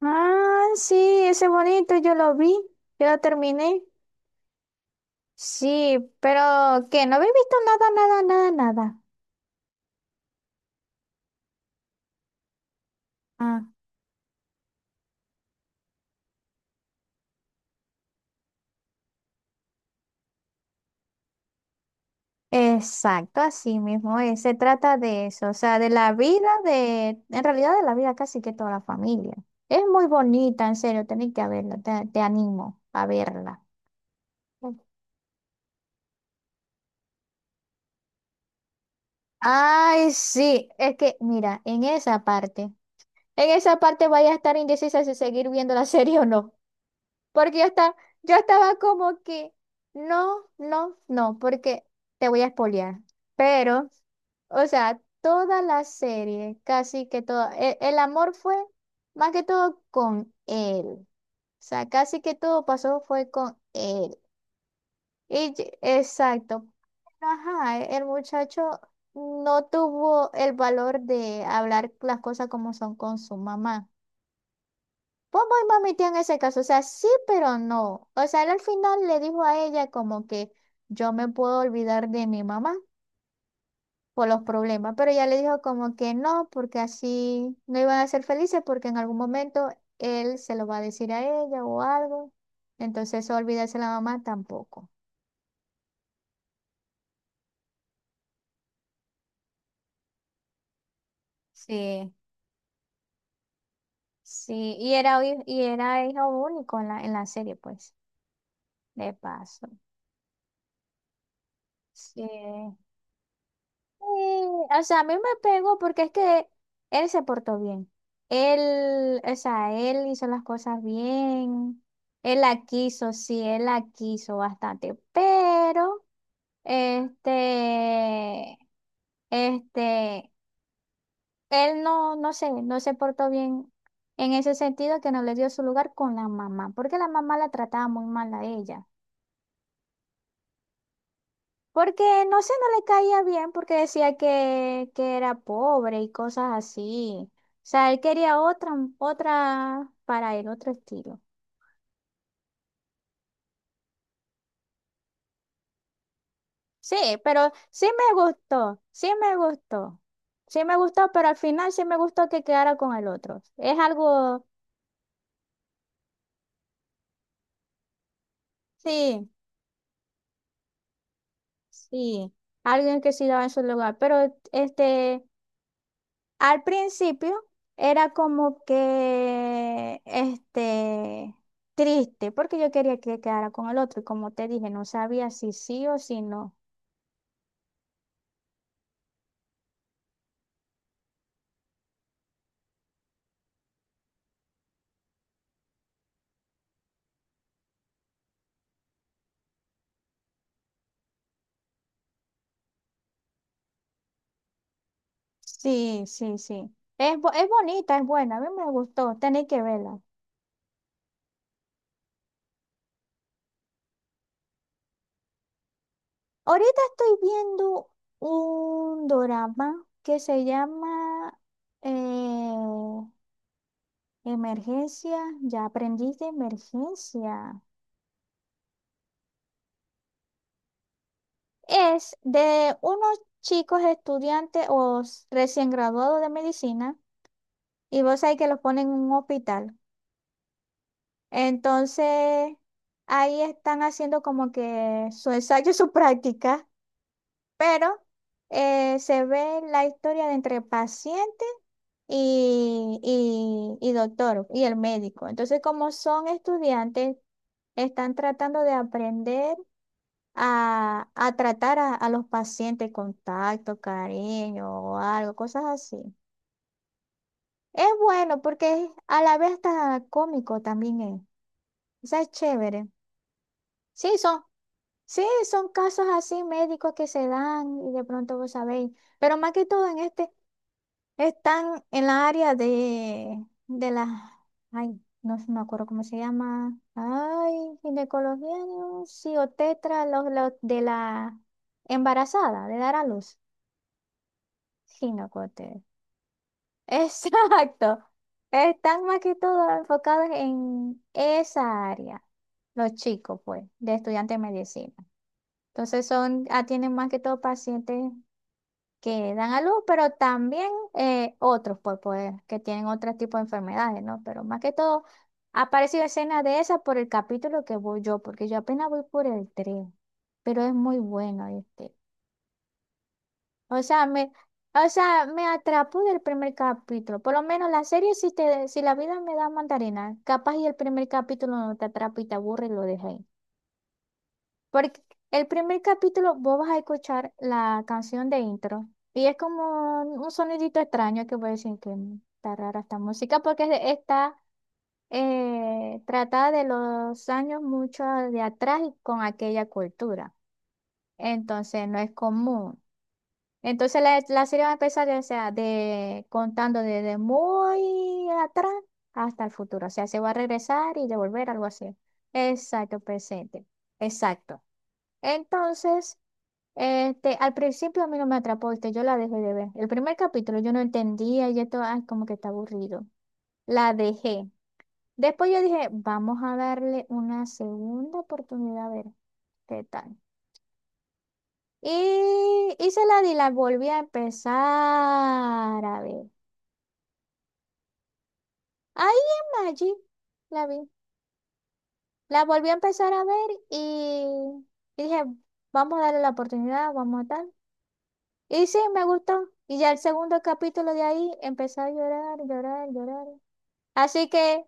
Ah, sí, ese bonito, yo lo vi, yo lo terminé. Sí, pero ¿qué? No habéis visto nada, nada, nada, nada. Ah, exacto, así mismo es. Se trata de eso, o sea, de la vida de, en realidad de la vida casi que toda la familia. Es muy bonita, en serio, tenéis que verla, te animo a verla. Ay, sí, es que, mira, en esa parte vaya a estar indecisa si seguir viendo la serie o no. Porque yo estaba como que, no, no, no, porque te voy a espolear. Pero, o sea, toda la serie, casi que todo, el amor fue más que todo con él. O sea, casi que todo pasó fue con él. Exacto. Ajá, el muchacho no tuvo el valor de hablar las cosas como son con su mamá. Bobo y Mami Tía en ese caso, o sea, sí, pero no. O sea, él al final le dijo a ella como que yo me puedo olvidar de mi mamá por los problemas, pero ella le dijo como que no, porque así no iban a ser felices porque en algún momento él se lo va a decir a ella o algo. Entonces, eso olvidarse de la mamá tampoco. Sí, sí, y era hijo único en la serie, pues, de paso. Sí. Sí, o sea, a mí me pegó porque es que él se portó bien. Él, o sea, él hizo las cosas bien. Él la quiso, sí, él la quiso bastante. Pero, este, este, él no, no sé, no se portó bien en ese sentido que no le dio su lugar con la mamá, porque la mamá la trataba muy mal a ella. Porque no sé, no le caía bien porque decía que era pobre y cosas así. O sea, él quería otra para él, otro estilo. Sí, pero sí me gustó, sí me gustó. Sí me gustó, pero al final sí me gustó que quedara con el otro. Es algo, sí, sí, alguien que sí daba en su lugar. Pero al principio era como que, triste, porque yo quería que quedara con el otro, y como te dije, no sabía si sí o si no. Sí, sí, sí. Es bonita, es buena, a mí me gustó, tenéis que verla. Ahorita estoy viendo un drama que se llama eh, Emergencia, ya aprendí de emergencia. Es de unos chicos estudiantes recién graduados de medicina y vos sabés que los ponen en un hospital. Entonces, ahí están haciendo como que su ensayo, su práctica, pero se ve la historia de entre paciente y, y doctor y el médico. Entonces, como son estudiantes, están tratando de aprender a tratar a los pacientes con tacto, cariño o algo, cosas así. Es bueno porque a la vez está cómico también es. O sea, es chévere. Sí, son, sí, son casos así médicos que se dan y de pronto vos sabéis. Pero más que todo en este, están en la área de las, ay, no sé, me acuerdo cómo se llama. Ay, ginecología, no, sí, o tetra, los de la embarazada, de dar a luz. Chinocote. Exacto. Están más que todo enfocados en esa área, los chicos, pues, de estudiantes de medicina. Entonces son, atienden más que todo pacientes que dan a luz, pero también otros, pues, que tienen otro tipo de enfermedades, ¿no? Pero más que todo, ha aparecido escena de esa por el capítulo que voy yo, porque yo apenas voy por el 3, pero es muy bueno, este. O sea, me, o sea, me atrapó del primer capítulo. Por lo menos la serie, si la vida me da mandarina, capaz y el primer capítulo no te atrapa y te aburre y lo dejas ahí. Porque el primer capítulo vos vas a escuchar la canción de intro y es como un sonidito extraño que voy a decir que "Mm, está rara esta música porque está tratada de los años mucho de atrás y con aquella cultura. Entonces no es común. Entonces la serie va a empezar, o sea, contando desde muy atrás hasta el futuro. O sea, se va a regresar y devolver algo así. Exacto, presente. Exacto. Entonces, al principio a mí no me atrapó, yo la dejé de ver. El primer capítulo yo no entendía y esto, ay, como que está aburrido. La dejé. Después yo dije, vamos a darle una segunda oportunidad a ver qué tal. Y se la di, la volví a empezar a ver. Ahí en Maggi la vi. La volví a empezar a ver y dije, vamos a darle la oportunidad, vamos a tal. Y sí, me gustó. Y ya el segundo capítulo de ahí empecé a llorar, llorar, llorar. Así que,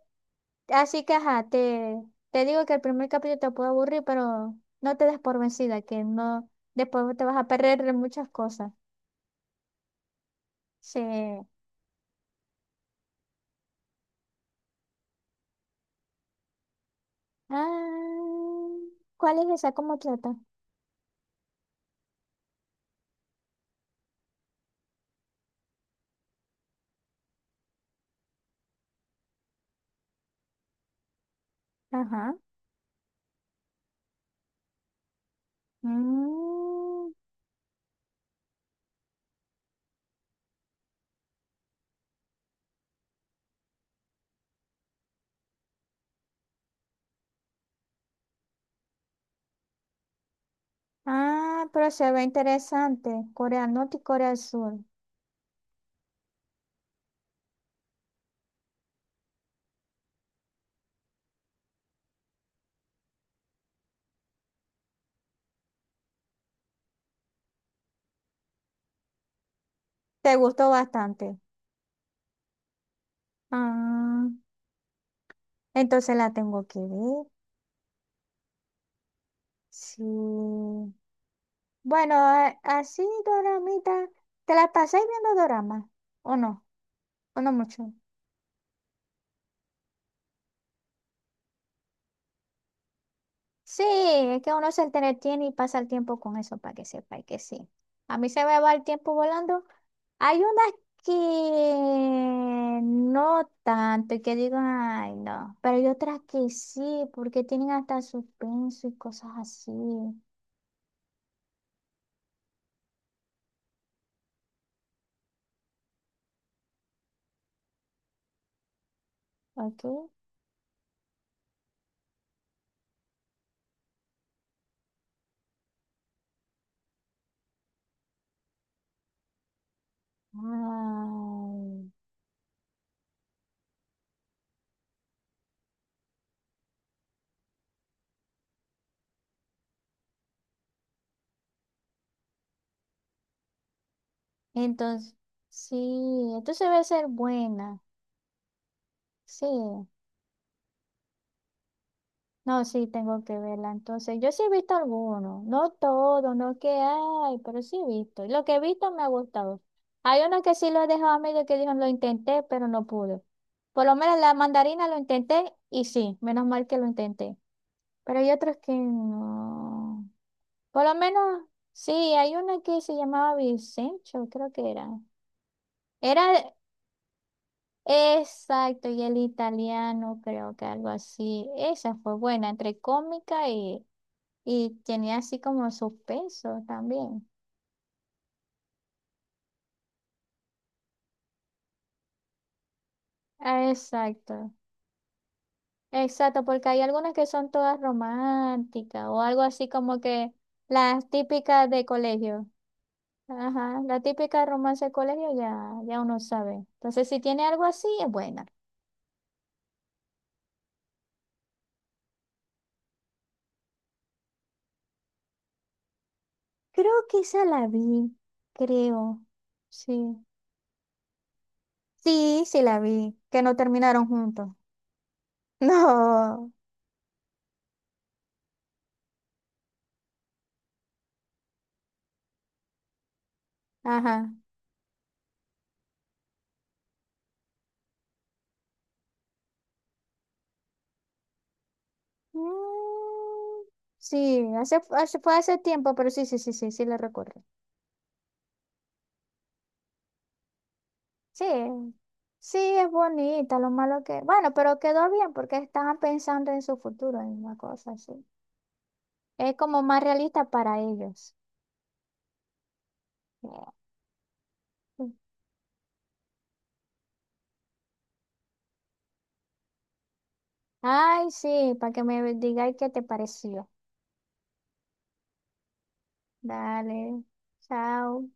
así que, ajá, te digo que el primer capítulo te puede aburrir, pero no te des por vencida, que no, después te vas a perder de muchas cosas. Sí. Ah, ¿cuál es esa? ¿Cómo trata? Ajá. Mm. Ah, pero se ve interesante. Corea Norte y Corea del Sur. Te gustó bastante. Ah, entonces la tengo que ver. Sí. Bueno, así, Doramita, ¿te la pasáis viendo Dorama? ¿O no? ¿O no mucho? Sí, es que uno se entretiene y pasa el tiempo con eso para que sepa y que sí. A mí se me va el tiempo volando. Hay unas que no tanto y que digo, ay, no, pero hay otras que sí, porque tienen hasta suspenso y cosas así. ¿Ok? Ay. Entonces, sí, entonces debe ser buena. Sí. No, sí, tengo que verla. Entonces, yo sí he visto algunos, no todo, no que hay, pero sí he visto. Y lo que he visto me ha gustado. Hay uno que sí lo he dejado a medio que dijo, lo intenté, pero no pude. Por lo menos la mandarina lo intenté y sí, menos mal que lo intenté. Pero hay otros que no. Por lo menos, sí, hay uno que se llamaba Vicencio, creo que era. Era exacto, y el italiano, creo que algo así. Esa fue buena, entre cómica y tenía así como sus pesos también. Ah, exacto, exacto, porque hay algunas que son todas románticas o algo así como que las típicas de colegio. Ajá, la típica romance de colegio ya, ya uno sabe. Entonces, si tiene algo así, es buena. Creo que esa la vi, creo. Sí, sí, sí la vi, que no terminaron juntos. No, ajá. Mm, sí, fue hace tiempo, pero sí, sí, sí, sí, sí la recuerdo. Sí, sí, es bonita, lo malo que... Bueno, pero quedó bien porque estaban pensando en su futuro, en una cosa así. Es como más realista para ellos. Yeah. Ay, sí, para que me digáis qué te pareció. Dale, chao.